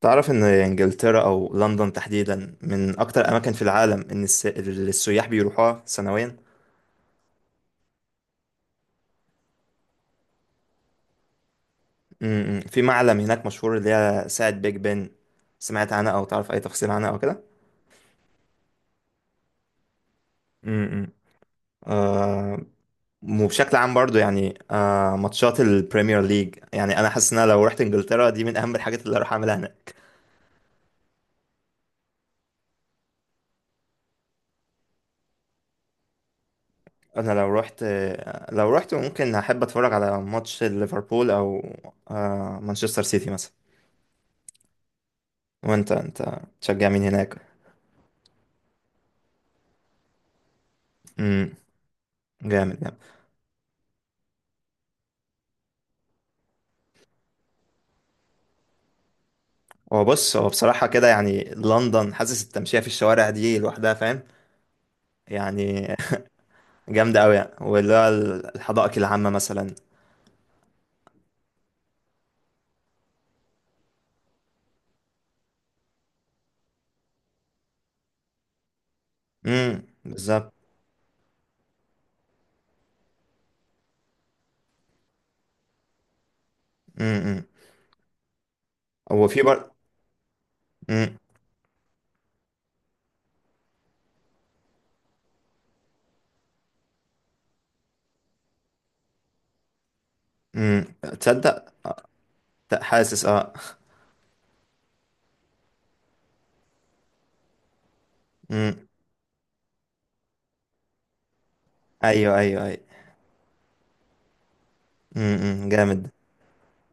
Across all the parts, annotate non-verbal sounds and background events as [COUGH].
تعرف ان انجلترا او لندن تحديدا من اكتر الاماكن في العالم، اللي السياح بيروحوها سنويا. م- م. في معلم هناك مشهور اللي هي ساعة بيج بن. سمعت عنها او تعرف اي تفاصيل عنها او كده؟ امم. آه. وبشكل عام برضو يعني ماتشات البريمير ليج، يعني انا حاسس ان انا لو رحت انجلترا دي من اهم الحاجات اللي هروح اعملها هناك. انا لو رحت آه، لو رحت ممكن احب اتفرج على ماتش ليفربول، او مانشستر سيتي مثلا. وانت تشجع مين هناك؟ مم. جامد جامد. هو بصراحة كده يعني لندن، حاسس التمشية في الشوارع دي لوحدها، فاهم يعني. [LAUGHS] جامدة أوي يعني، واللي هو الحدائق العامة مثلا. امم، بالظبط. امم. هو في امم، امم. تصدق. حاسس، اه. امم. ايوه، ايوه، ايوه. امم، جامد.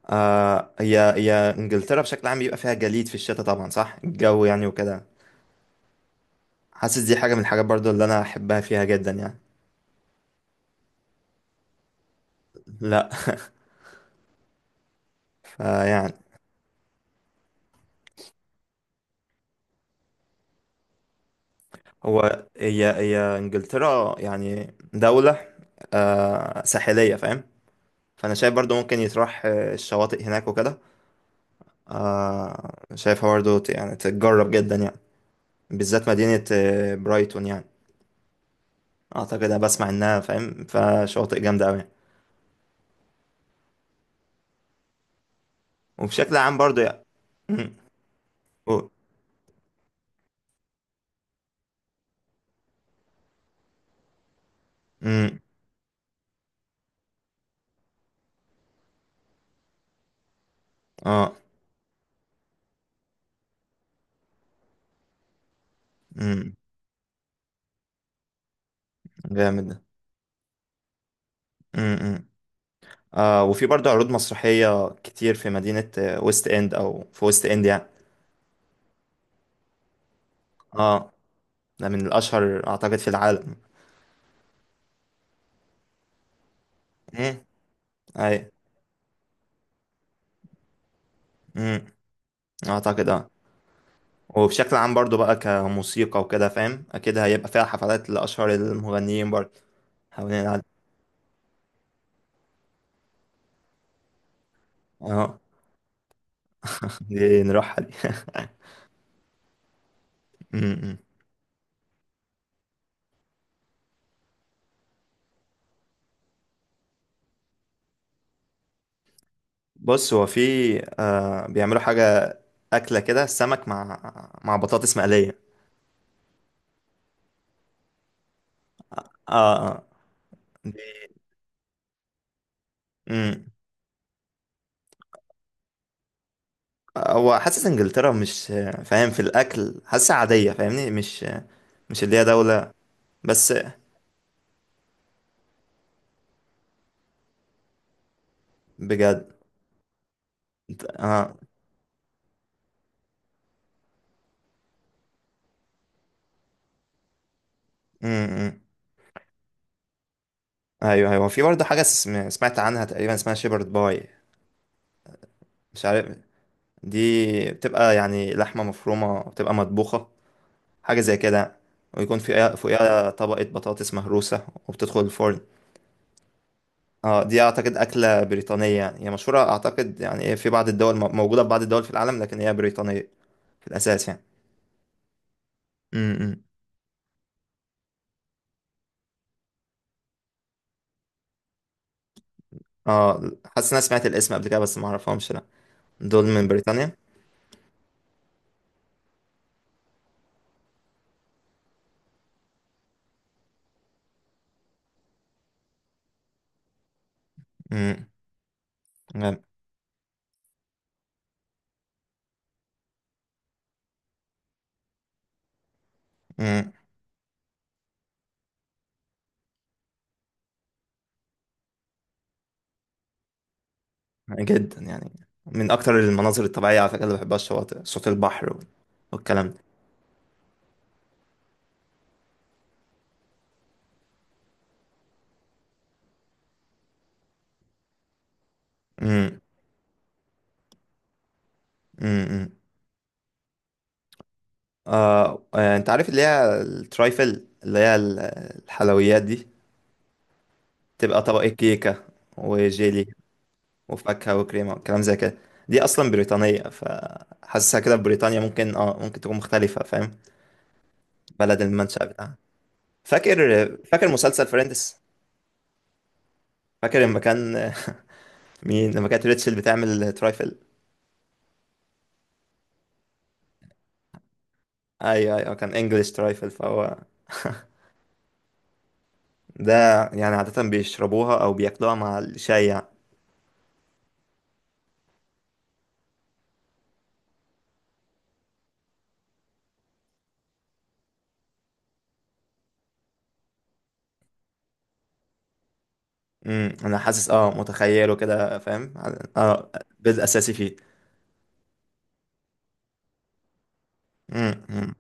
هي انجلترا بشكل عام بيبقى فيها جليد في الشتاء، طبعا، صح، الجو يعني وكده. حاسس دي حاجة من الحاجات برضو اللي انا احبها فيها جدا يعني. لا. فيعني هو هي هي انجلترا يعني دولة، ساحلية، فاهم. فانا شايف برضو ممكن يتراح، الشواطئ هناك وكده. شايفها برضو يعني تتجرب جدا يعني، بالذات مدينة برايتون يعني. اعتقد انا بسمع انها، فاهم، فشواطئ جامدة اوي. وبشكل عام برضو يعني. مم. و- مم. اه. مم. جامد ده. مم. مم. وفي برضو عروض مسرحية كتير في مدينة ويست اند، او في ويست اند يعني. اه، ده من الاشهر اعتقد في العالم. امم. اي. امم. اعتقد اه. وبشكل عام برضو بقى كموسيقى وكده، فاهم، اكيد هيبقى فيها حفلات لاشهر المغنيين برضو حوالين العالم. اه. [LAUGHS] دي نروحها دي. امم. [LAUGHS] بص، هو في، بيعملوا حاجة، أكلة كده، سمك مع بطاطس مقلية. اه، اه. دي- امم. هو حاسس انجلترا، مش فاهم، في الاكل حاسسها عادية، فاهمني، مش اللي هي دولة. بس. بجد. اه. امم. ايوه، ايوه، في برضه حاجه سمعت عنها تقريبا اسمها شيبرد باي. مش عارف. دي بتبقى يعني لحمه مفرومه، بتبقى مطبوخه، حاجه زي كده، ويكون فيها فوقيها طبقه بطاطس مهروسه وبتدخل الفرن. اه، دي اعتقد اكله بريطانيه يعني، هي مشهوره اعتقد يعني، إيه، في بعض الدول موجوده في بعض الدول في العالم، لكن هي بريطانيه في الاساس يعني. امم. اه، حاسس إن انا سمعت الاسم قبل كده بس ما اعرفهمش. لا، دول من بريطانيا. امم. جدا يعني، من اكتر المناظر الطبيعيه على فكره اللي بحبها، الشواطئ، صوت البحر والكلام ده. امم. امم. انت عارف اللي هي الترايفل، اللي هي الحلويات دي، تبقى طبقة كيكه وجيلي وفاكهه وكريمه والكلام زي كده. دي اصلا بريطانيه فحاسسها كده، في بريطانيا ممكن تكون مختلفه، فاهم. بلد المنشأ بتاعها. فاكر. فاكر مسلسل فريندز. فاكر لما كان، [LAUGHS] مين لما كانت ريتشل بتعمل ترايفل. ايوه، ايوه، كان انجلش ترايفل فهو ده. يعني عادة بيشربوها او بياكلوها مع الشاي يعني. امم. انا حاسس، اه متخيله كده فاهم. اه، بدء اساسي فيه. امم، أمم.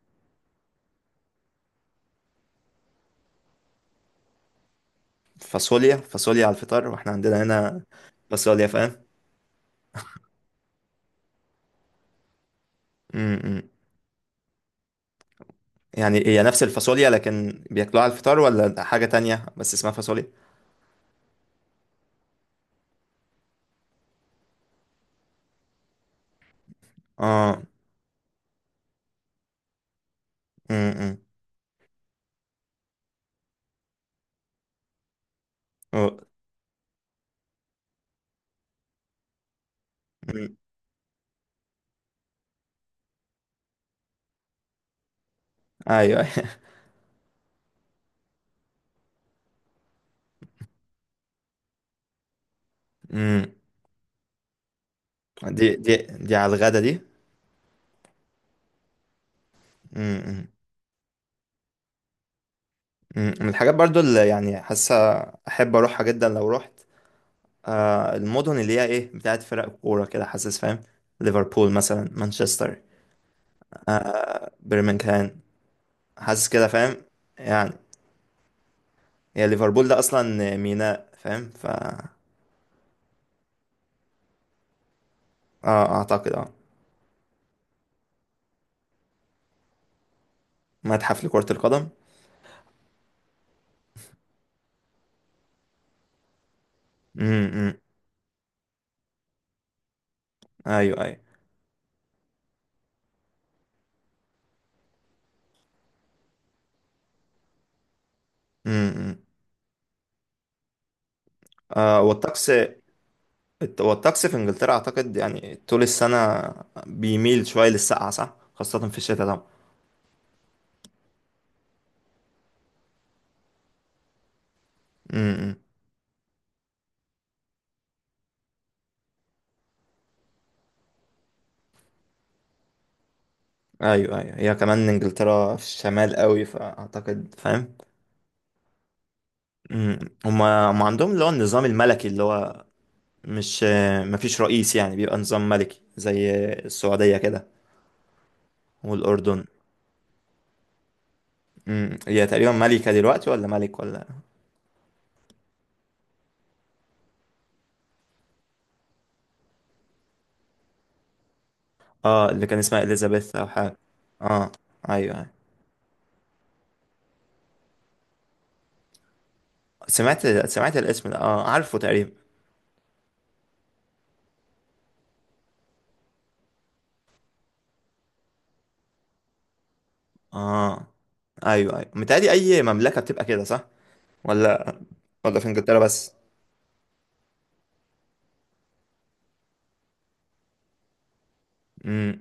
فاصوليا؟ فاصوليا على الفطار واحنا عندنا هنا. فاصوليا، فاهم. امم، أمم. يعني هي نفس الفاصوليا لكن بياكلوها على الفطار، ولا حاجة تانية بس اسمها فاصوليا؟ اه. امم، أمم. أه. أمم. ايوه. [LAUGHS] أيوة. امم. دي على الغدا دي. امم، أمم. أمم. من الحاجات برضو اللي يعني حاسة احب اروحها جدا لو رحت، المدن اللي هي، ايه، بتاعت فرق كورة كده، حاسس فاهم. ليفربول مثلا، مانشستر، برمنغهام، حاسس كده فاهم يعني. هي ليفربول ده اصلا ميناء، فاهم، ف اه. اعتقد اه. متحف لكرة القدم. امم. ايوه، ايوه. امم. والطقس، والطقس في انجلترا اعتقد يعني طول السنة بيميل شوية للسقعة، صح، خاصة في الشتاء طبعا. امم. ايوه، ايوه، هي كمان انجلترا في الشمال قوي فاعتقد، فاهم. مم. هما عندهم اللي هو النظام الملكي، اللي هو، مش مفيش رئيس يعني، بيبقى نظام ملكي زي السعودية كده، والأردن. مم. هي تقريبا ملكة دلوقتي ولا ملك ولا؟ اه، اللي كان اسمها إليزابيث أو حاجة. اه. أيوه، أيوه. سمعت الاسم ده اه، عارفه تقريبا. اه. أيوه، أيوه، متهيألي أي مملكة بتبقى كده صح، ولا ولا في إنجلترا بس؟ مم.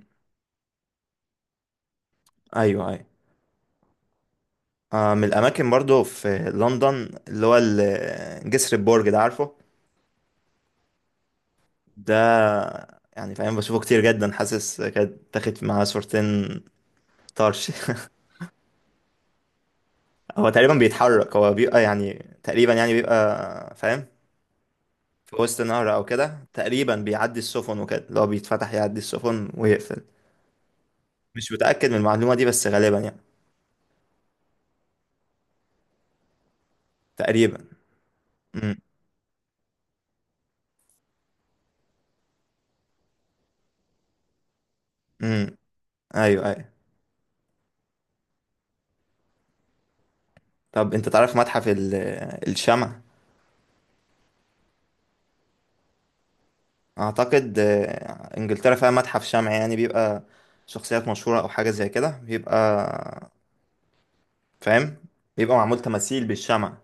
أيوه، أيوه. من الأماكن برضو في لندن اللي هو، جسر البرج ده، عارفه؟ ده يعني فاهم، بشوفه كتير جدا، حاسس كانت تاخد معاه صورتين طرش. [LAUGHS] هو تقريبا بيتحرك، هو بيبقى يعني، تقريبا يعني بيبقى، فاهم. في وسط نهر او كده تقريبا، بيعدي السفن وكده، لو بيتفتح يعدي السفن ويقفل. مش متأكد من المعلومة دي بس غالبا يعني. تقريبا. امم. امم. ايوه، ايوه. طب انت تعرف متحف الشمع؟ اعتقد انجلترا فيها متحف شمع، يعني بيبقى شخصيات مشهورة او حاجة زي كده، بيبقى فاهم، بيبقى معمول تماثيل بالشمع.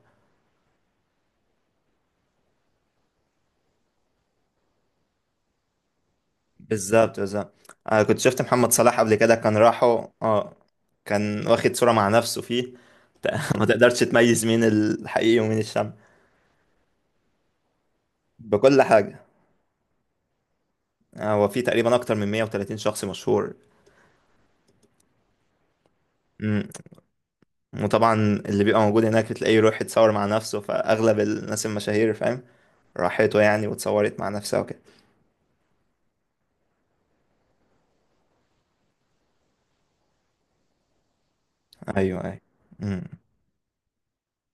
بالظبط، بالظبط. انا كنت شفت محمد صلاح قبل كده، كان راحوا اه، كان واخد صورة مع نفسه فيه. [LAUGHS] ما تقدرش تميز مين الحقيقي ومين الشمع. بكل حاجة. هو في تقريبا أكتر من 130 شخص مشهور. مم. وطبعا، اللي بيبقى موجود هناك بتلاقيه يروح يتصور مع نفسه، فأغلب الناس المشاهير، فاهم، راحته يعني واتصورت مع نفسها وكده. أيوه، أيوه. مم.